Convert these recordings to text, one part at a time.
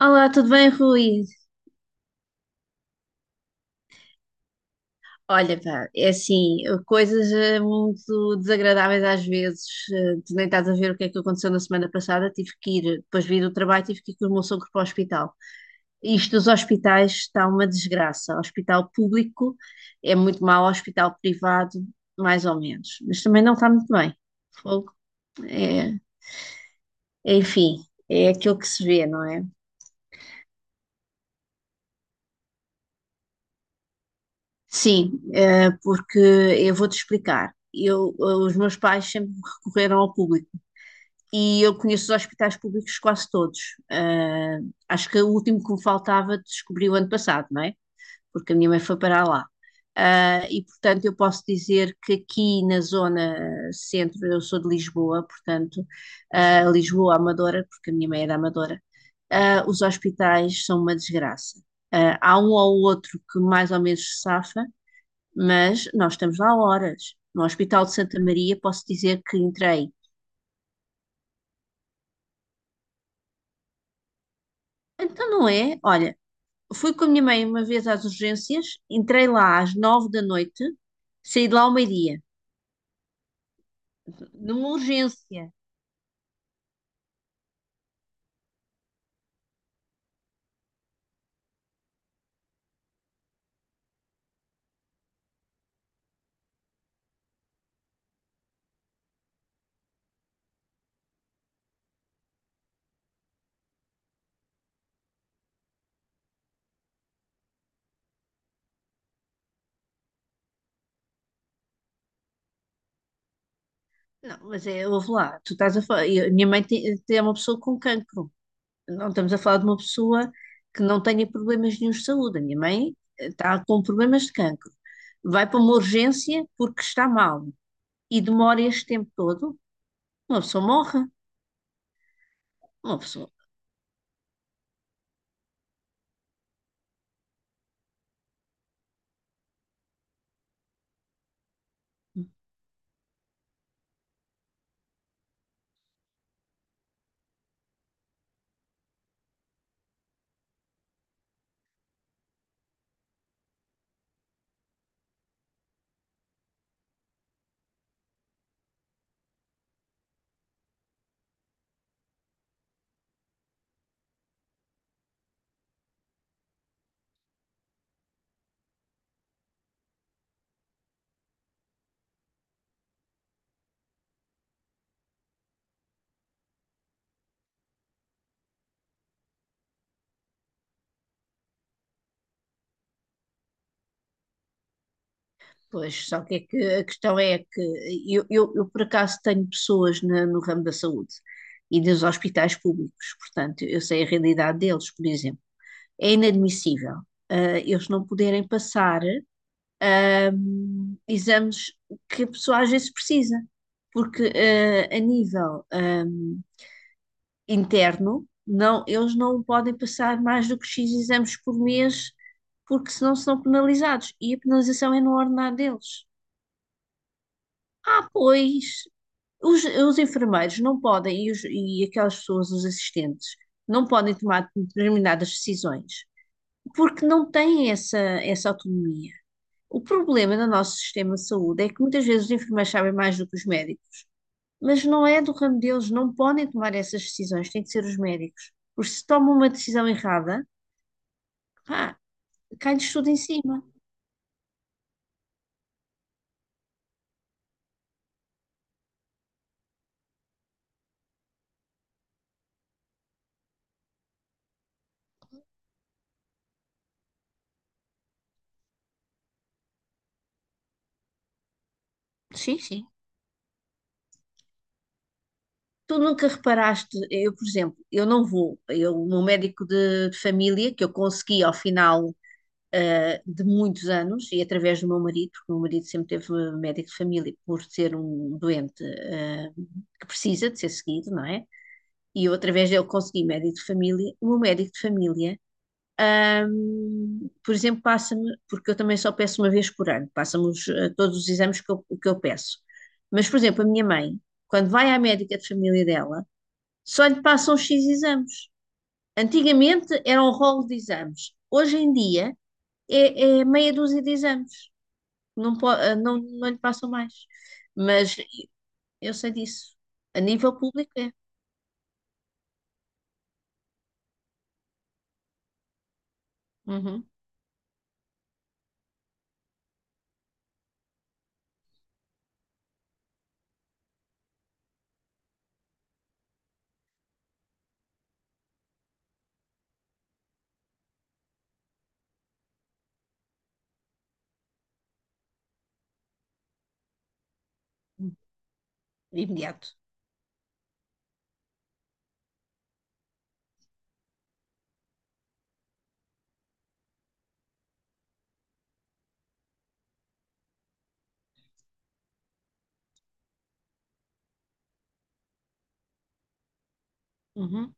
Olá, tudo bem, Rui? Olha, pá, é assim, coisas muito desagradáveis às vezes. Tu nem estás a ver o que é que aconteceu na semana passada. Tive que ir, depois vim do trabalho, tive que ir com o meu sogro para o hospital. Isto dos hospitais está uma desgraça. O hospital público é muito mau, o hospital privado, mais ou menos. Mas também não está muito bem. Fogo, é, é, enfim, é aquilo que se vê, não é? Sim, porque eu vou-te explicar. Eu, os meus pais sempre recorreram ao público e eu conheço os hospitais públicos quase todos. Acho que o último que me faltava descobri o ano passado, não é? Porque a minha mãe foi para lá. E portanto eu posso dizer que aqui na zona centro, eu sou de Lisboa, portanto, Lisboa Amadora, porque a minha mãe era Amadora, os hospitais são uma desgraça. Há um ou outro que mais ou menos se safa, mas nós estamos lá horas. No Hospital de Santa Maria posso dizer que entrei, então não é? Olha, fui com a minha mãe uma vez às urgências, entrei lá às 9 da noite, saí de lá ao meio-dia, numa urgência. Não, mas é, houve lá, tu estás a falar. E a minha mãe é uma pessoa com cancro. Não estamos a falar de uma pessoa que não tenha problemas nenhum de saúde. A minha mãe está com problemas de cancro. Vai para uma urgência porque está mal e demora este tempo todo, uma pessoa morre. Uma pessoa. Pois, só que é que a questão é que eu por acaso tenho pessoas na- no ramo da saúde e dos hospitais públicos, portanto, eu sei a realidade deles, por exemplo. É inadmissível, eles não poderem passar, ah, exames que a pessoa às vezes precisa, porque, a nível, interno, não, eles não podem passar mais do que X exames por mês, porque senão são penalizados e a penalização é no ordenado deles. Ah, pois, os enfermeiros não podem, e, e aquelas pessoas, os assistentes, não podem tomar determinadas decisões, porque não têm essa, essa autonomia. O problema do nosso sistema de saúde é que muitas vezes os enfermeiros sabem mais do que os médicos, mas não é do ramo deles, não podem tomar essas decisões, têm de ser os médicos. Porque se tomam uma decisão errada, pá, cai-lhes tudo em cima. Sim, sim. Tu nunca reparaste, eu, por exemplo, eu não vou, eu, o meu médico de família, que eu consegui ao final de muitos anos, e através do meu marido, porque o meu marido sempre teve médico de família por ser um doente que precisa de ser seguido, não é? E eu, através dele, consegui médico de família. O meu médico de família, ah, por exemplo, passa-me, porque eu também só peço uma vez por ano, passa-me todos os exames que eu peço. Mas, por exemplo, a minha mãe, quando vai à médica de família dela, só lhe passam X exames. Antigamente era um rolo de exames. Hoje em dia é meia dúzia de exames. Não, não, não lhe passam mais. Mas eu sei disso. A nível público é. Uhum. Imediato. Uhum.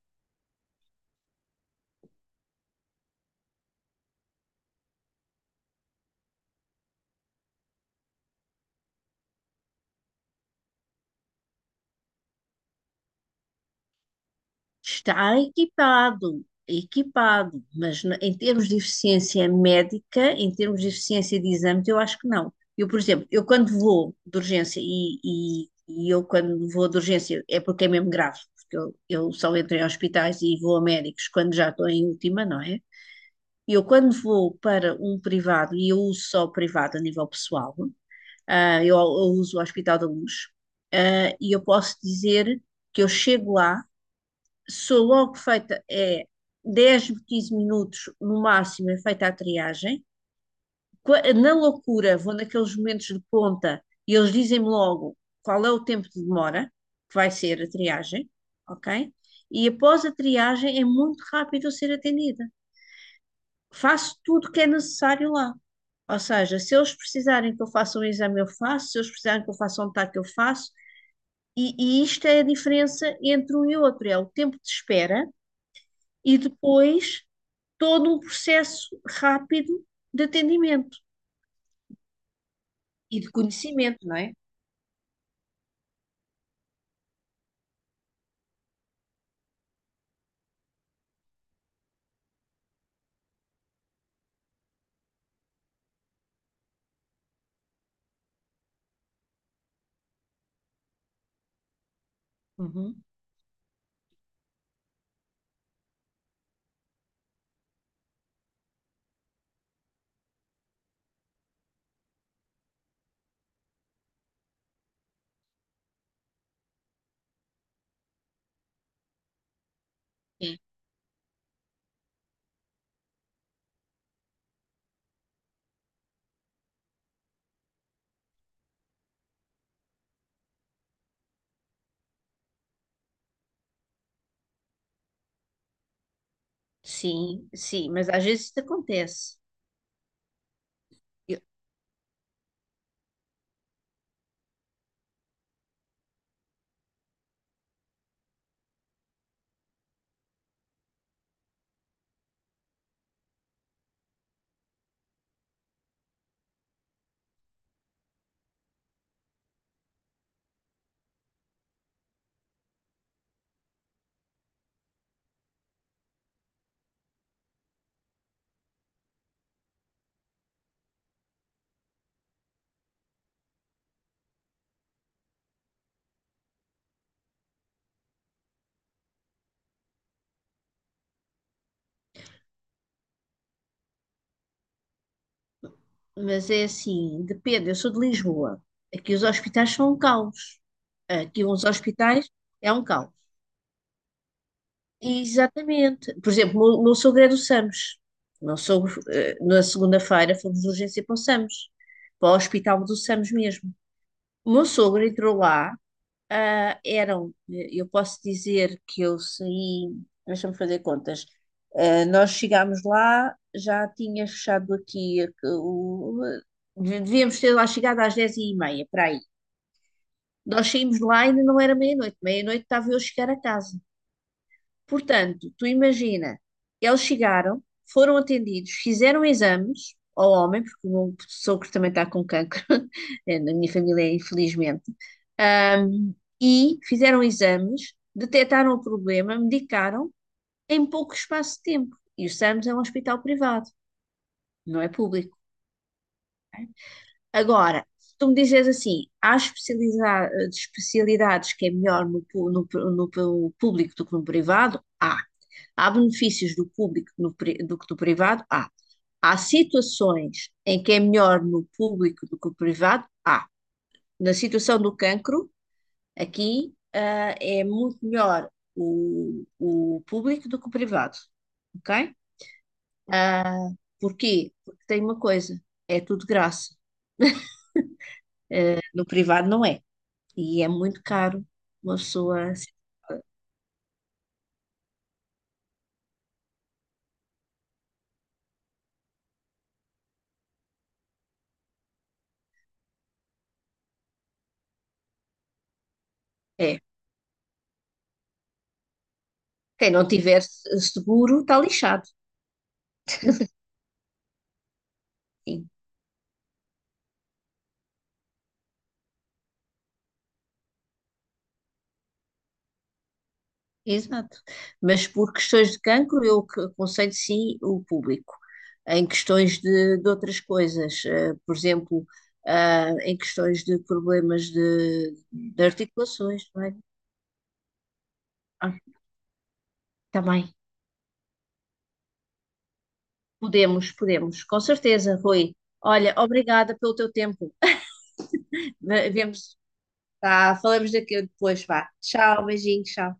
Está equipado, equipado, mas em termos de eficiência médica, em termos de eficiência de exames, eu acho que não. Eu, por exemplo, eu quando vou de urgência, e eu quando vou de urgência é porque é mesmo grave, porque eu só entro em hospitais e vou a médicos quando já estou em última, não é? E eu quando vou para um privado, e eu uso só o privado a nível pessoal, eu uso o Hospital da Luz, e eu posso dizer que eu chego lá sou logo feita, é 10, 15 minutos no máximo, é feita a triagem. Na loucura, vou naqueles momentos de ponta e eles dizem-me logo qual é o tempo de demora, que vai ser a triagem, ok? E após a triagem é muito rápido eu ser atendida. Faço tudo o que é necessário lá. Ou seja, se eles precisarem que eu faça um exame, eu faço, se eles precisarem que eu faça um TAC, eu faço. E isto é a diferença entre um e outro, é o tempo de espera e depois todo um processo rápido de atendimento e de conhecimento, não é? Uhum. Sim, sim, mas às vezes isso acontece. Eu- mas é assim, depende. Eu sou de Lisboa. Aqui os hospitais são um caos. Aqui uns hospitais é um caos. Exatamente. Por exemplo, o meu sogro é do SAMS. O meu sogro, na segunda-feira fomos de urgência para o SAMS, para o hospital do SAMS mesmo. O meu sogro entrou lá. Ah, eram, eu posso dizer que eu saí, deixa-me fazer contas. Nós chegámos lá, já tinha fechado aqui, devíamos ter lá chegado às 10h30 para aí. Nós saímos lá e ainda não era meia-noite. Meia-noite estava eu a chegar a casa. Portanto, tu imagina, eles chegaram, foram atendidos, fizeram exames ao homem, porque o meu sogro também está com cancro, é, na minha família, infelizmente, Ahm, e fizeram exames, detectaram o problema, medicaram em pouco espaço de tempo. E o SAMS é um hospital privado, não é público. Agora, se tu me dizes assim, há especialidades que é melhor no público do que no privado, há. Há benefícios do público no pri- do que do privado, há. Há situações em que é melhor no público do que no privado, há. Na situação do cancro, aqui, é muito melhor o público do que o privado, ok? Ah, porquê? Porque tem uma coisa, é tudo de graça. No privado não é. E é muito caro. Uma pessoa. É. Quem não tiver seguro está lixado. Sim, exato. Mas por questões de cancro, eu que aconselho sim o público. Em questões de outras coisas, por exemplo, em questões de problemas de articulações, não é? Ah, também. Podemos, podemos, com certeza, Rui. Olha, obrigada pelo teu tempo. Vemos, tá, falamos daqui depois, vá. Tchau, beijinho, tchau.